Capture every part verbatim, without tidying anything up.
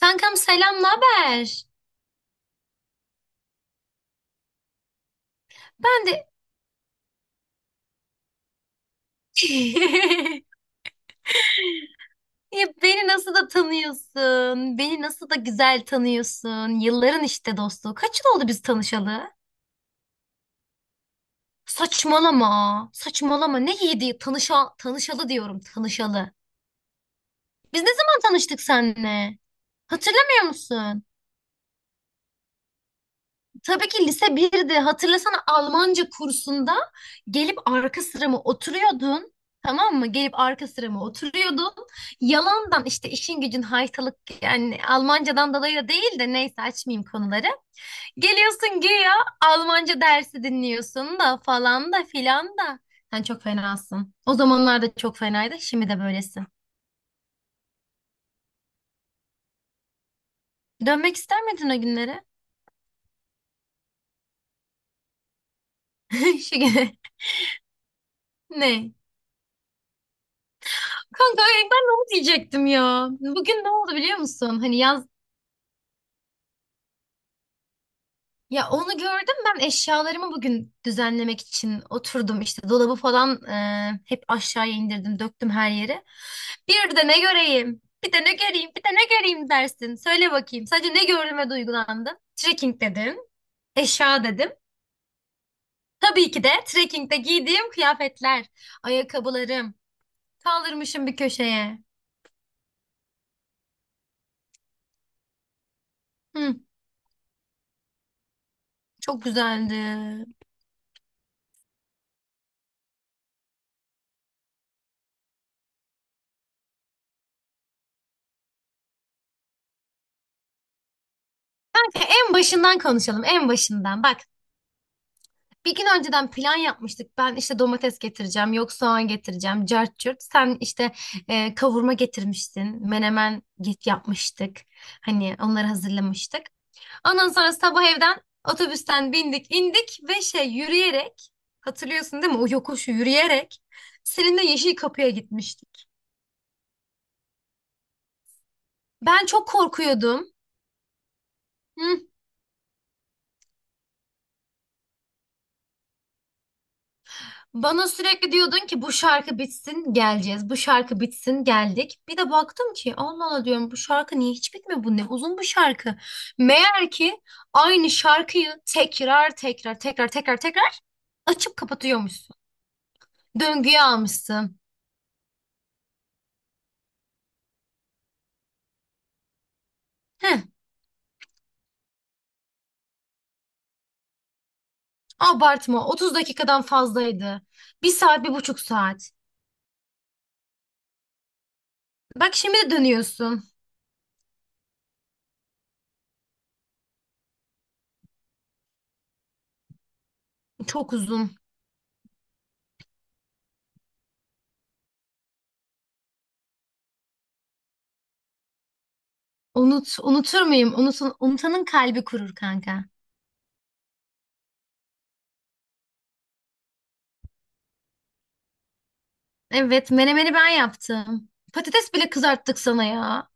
Kankam selam, ne haber? Ben de ya beni nasıl da tanıyorsun? Beni nasıl da güzel tanıyorsun? Yılların işte dostluğu. Kaç yıl oldu biz tanışalı? Saçmalama. Saçmalama. Ne yedi? Tanışa tanışalı diyorum, tanışalı. Biz ne zaman tanıştık seninle? Hatırlamıyor musun? Tabii ki lise birde hatırlasana Almanca kursunda gelip arka sırama oturuyordun. Tamam mı? Gelip arka sırama oturuyordun. Yalandan işte işin gücün haytalık, yani Almancadan dolayı da değil de neyse açmayayım konuları. Geliyorsun güya Almanca dersi dinliyorsun da falan da filan da. Sen çok fenasın. O zamanlarda çok fenaydı. Şimdi de böylesin. Dönmek ister miydin o günlere? Şu güne. Ne? Kanka ay ben de onu diyecektim ya. Bugün ne oldu biliyor musun? Hani yaz ya onu gördüm, ben eşyalarımı bugün düzenlemek için oturdum işte dolabı falan e, hep aşağıya indirdim döktüm her yere. Bir de ne göreyim? Bir de ne göreyim? Bir de ne göreyim dersin. Söyle bakayım. Sadece ne gördüğüme duygulandım? Trekking dedim, eşya dedim. Tabii ki de trekkingde giydiğim kıyafetler, ayakkabılarım. Kaldırmışım bir köşeye. Hı, çok güzeldi. E, En başından konuşalım, en başından. Bak, bir gün önceden plan yapmıştık. Ben işte domates getireceğim, yok soğan getireceğim, cart curt. Sen işte e, kavurma getirmiştin, menemen git yapmıştık. Hani onları hazırlamıştık. Ondan sonra sabah evden otobüsten bindik, indik ve şey yürüyerek, hatırlıyorsun değil mi? O yokuşu yürüyerek seninle Yeşil Kapı'ya gitmiştik. Ben çok korkuyordum. Bana sürekli diyordun ki bu şarkı bitsin geleceğiz. Bu şarkı bitsin geldik. Bir de baktım ki Allah Allah diyorum bu şarkı niye hiç bitmiyor? Bu ne uzun bu şarkı. Meğer ki aynı şarkıyı tekrar tekrar tekrar tekrar tekrar açıp kapatıyormuşsun. Döngüye almışsın. Heh, abartma otuz dakikadan fazlaydı. Bir saat bir buçuk saat. Bak şimdi de dönüyorsun. Çok uzun. Unut, unutur muyum? Unutun, unutanın kalbi kurur kanka. Evet, menemeni ben yaptım. Patates bile kızarttık sana ya.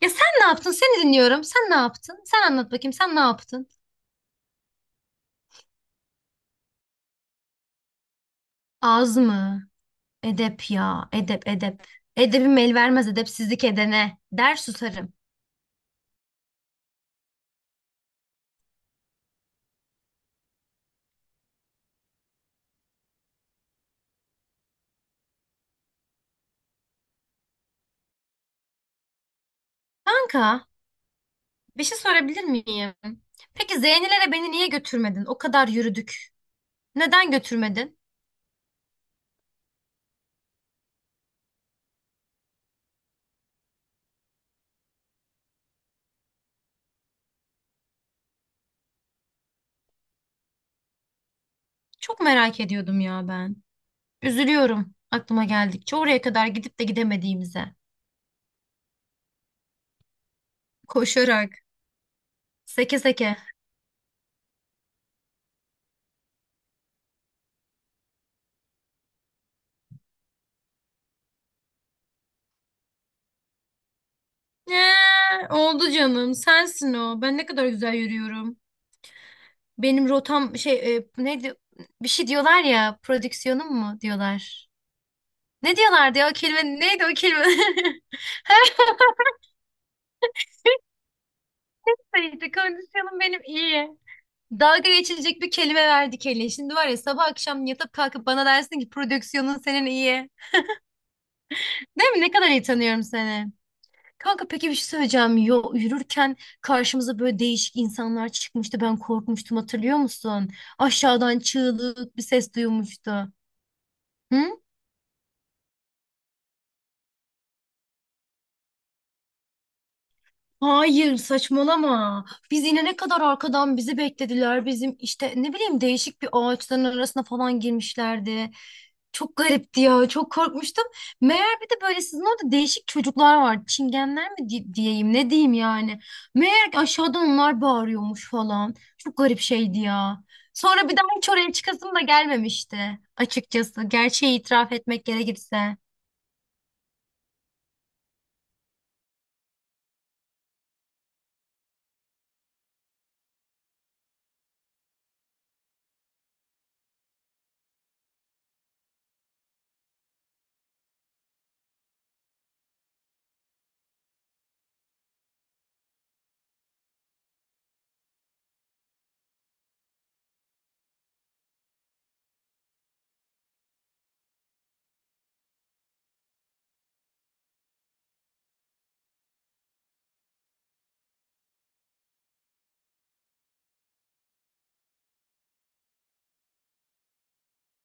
Ya sen ne yaptın? Seni dinliyorum. Sen ne yaptın? Sen anlat bakayım. Sen ne yaptın? Az mı? Edep ya. Edep, edep. Edebim el vermez edepsizlik edene. Der susarım. Kanka, bir şey sorabilir miyim? Peki Zeynelere beni niye götürmedin? O kadar yürüdük. Neden götürmedin? Çok merak ediyordum ya ben. Üzülüyorum aklıma geldikçe. Oraya kadar gidip de gidemediğimize. Koşarak, seke seke. Ee, Oldu canım. Sensin o. Ben ne kadar güzel yürüyorum. Benim rotam şey e, neydi? Bir şey diyorlar ya. Prodüksiyonum mu diyorlar. Ne diyorlardı ya o kelime? Neydi o kelime? Her neyse kondisyonum benim iyi. Dalga geçilecek bir kelime verdik hele. Şimdi var ya sabah akşam yatıp kalkıp bana dersin ki prodüksiyonun senin iyi. Değil mi? Ne kadar iyi tanıyorum seni. Kanka peki bir şey söyleyeceğim. Yo, yürürken karşımıza böyle değişik insanlar çıkmıştı. Ben korkmuştum hatırlıyor musun? Aşağıdan çığlık bir ses duymuştu. Hı? Hayır saçmalama. Biz inene kadar arkadan bizi beklediler. Bizim işte ne bileyim değişik bir ağaçların arasına falan girmişlerdi. Çok garipti ya. Çok korkmuştum. Meğer bir de böyle sizin orada değişik çocuklar var. Çingenler mi di- diyeyim ne diyeyim yani. Meğer ki aşağıdan onlar bağırıyormuş falan. Çok garip şeydi ya. Sonra bir daha hiç oraya çıkasım da gelmemişti açıkçası. Gerçeği itiraf etmek gerekirse.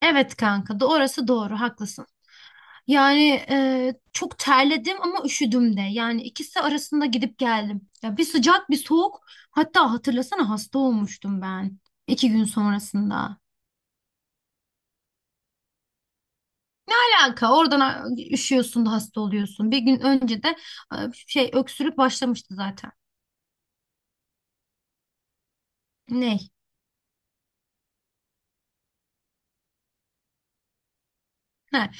Evet kanka, do- orası doğru, haklısın. Yani e, çok terledim ama üşüdüm de. Yani ikisi arasında gidip geldim. Ya bir sıcak bir soğuk. Hatta hatırlasana hasta olmuştum ben. İki gün sonrasında. Alaka oradan a- Üşüyorsun da hasta oluyorsun. Bir gün önce de e, şey öksürük başlamıştı zaten. Ney? Ha.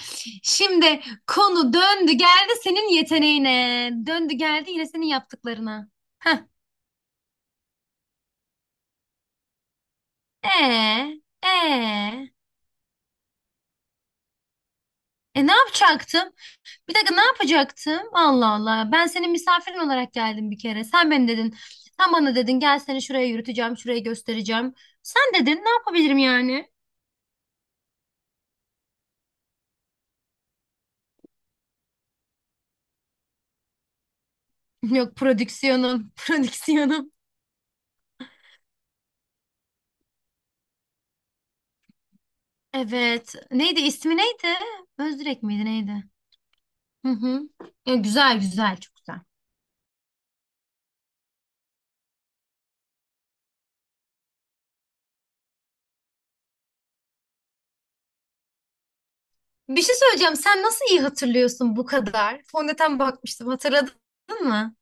Şimdi konu döndü geldi senin yeteneğine. Döndü geldi yine senin yaptıklarına. Heh. E, e, e Ne yapacaktım? Bir dakika ne yapacaktım? Allah Allah. Ben senin misafirin olarak geldim bir kere. Sen beni dedin. Sen bana dedin gel seni şuraya yürüteceğim, şuraya göstereceğim. Sen dedin ne yapabilirim yani? Yok prodüksiyonum, prodüksiyonum. Evet. Neydi ismi neydi? Özdirek miydi neydi? Hı hı. Ya, güzel güzel çok güzel. Bir şey söyleyeceğim. Sen nasıl iyi hatırlıyorsun bu kadar? Fondöten bakmıştım hatırladın mı?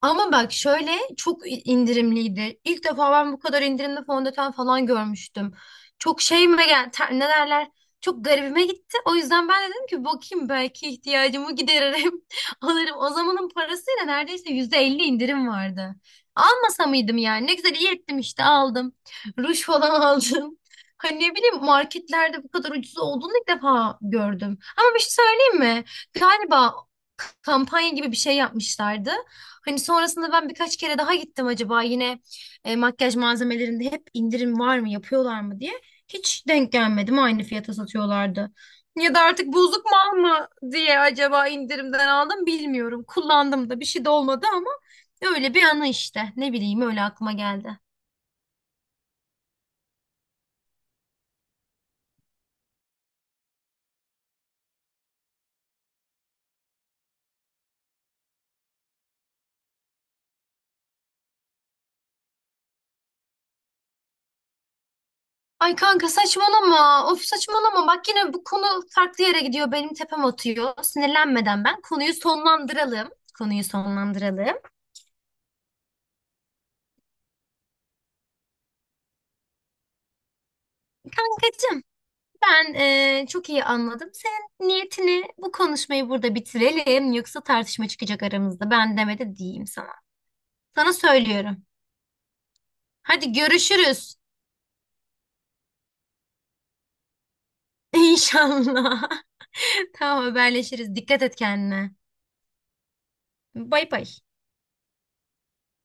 Ama bak şöyle çok indirimliydi. İlk defa ben bu kadar indirimli fondöten falan görmüştüm. Çok şeyime gel ter- Ne derler? Çok garibime gitti. O yüzden ben dedim ki bakayım belki ihtiyacımı gideririm. Alırım. O zamanın parasıyla neredeyse yüzde elli indirim vardı. Almasa mıydım yani? Ne güzel iyi ettim işte aldım. Ruj falan aldım. Hani ne bileyim marketlerde bu kadar ucuz olduğunu ilk defa gördüm. Ama bir şey söyleyeyim mi? Galiba kampanya gibi bir şey yapmışlardı. Hani sonrasında ben birkaç kere daha gittim acaba yine e, makyaj malzemelerinde hep indirim var mı yapıyorlar mı diye. Hiç denk gelmedim aynı fiyata satıyorlardı. Ya da artık bozuk mal mı diye acaba indirimden aldım bilmiyorum. Kullandım da bir şey de olmadı ama öyle bir anı işte. Ne bileyim öyle aklıma geldi. Ay kanka saçmalama. Of saçmalama. Bak yine bu konu farklı yere gidiyor. Benim tepem atıyor. Sinirlenmeden ben konuyu sonlandıralım. Konuyu sonlandıralım. Kankacığım, ben e, çok iyi anladım. Senin niyetini bu konuşmayı burada bitirelim. Yoksa tartışma çıkacak aramızda. Ben demedi diyeyim sana. Sana söylüyorum. Hadi görüşürüz. İnşallah. Tamam haberleşiriz. Dikkat et kendine. Bay bay.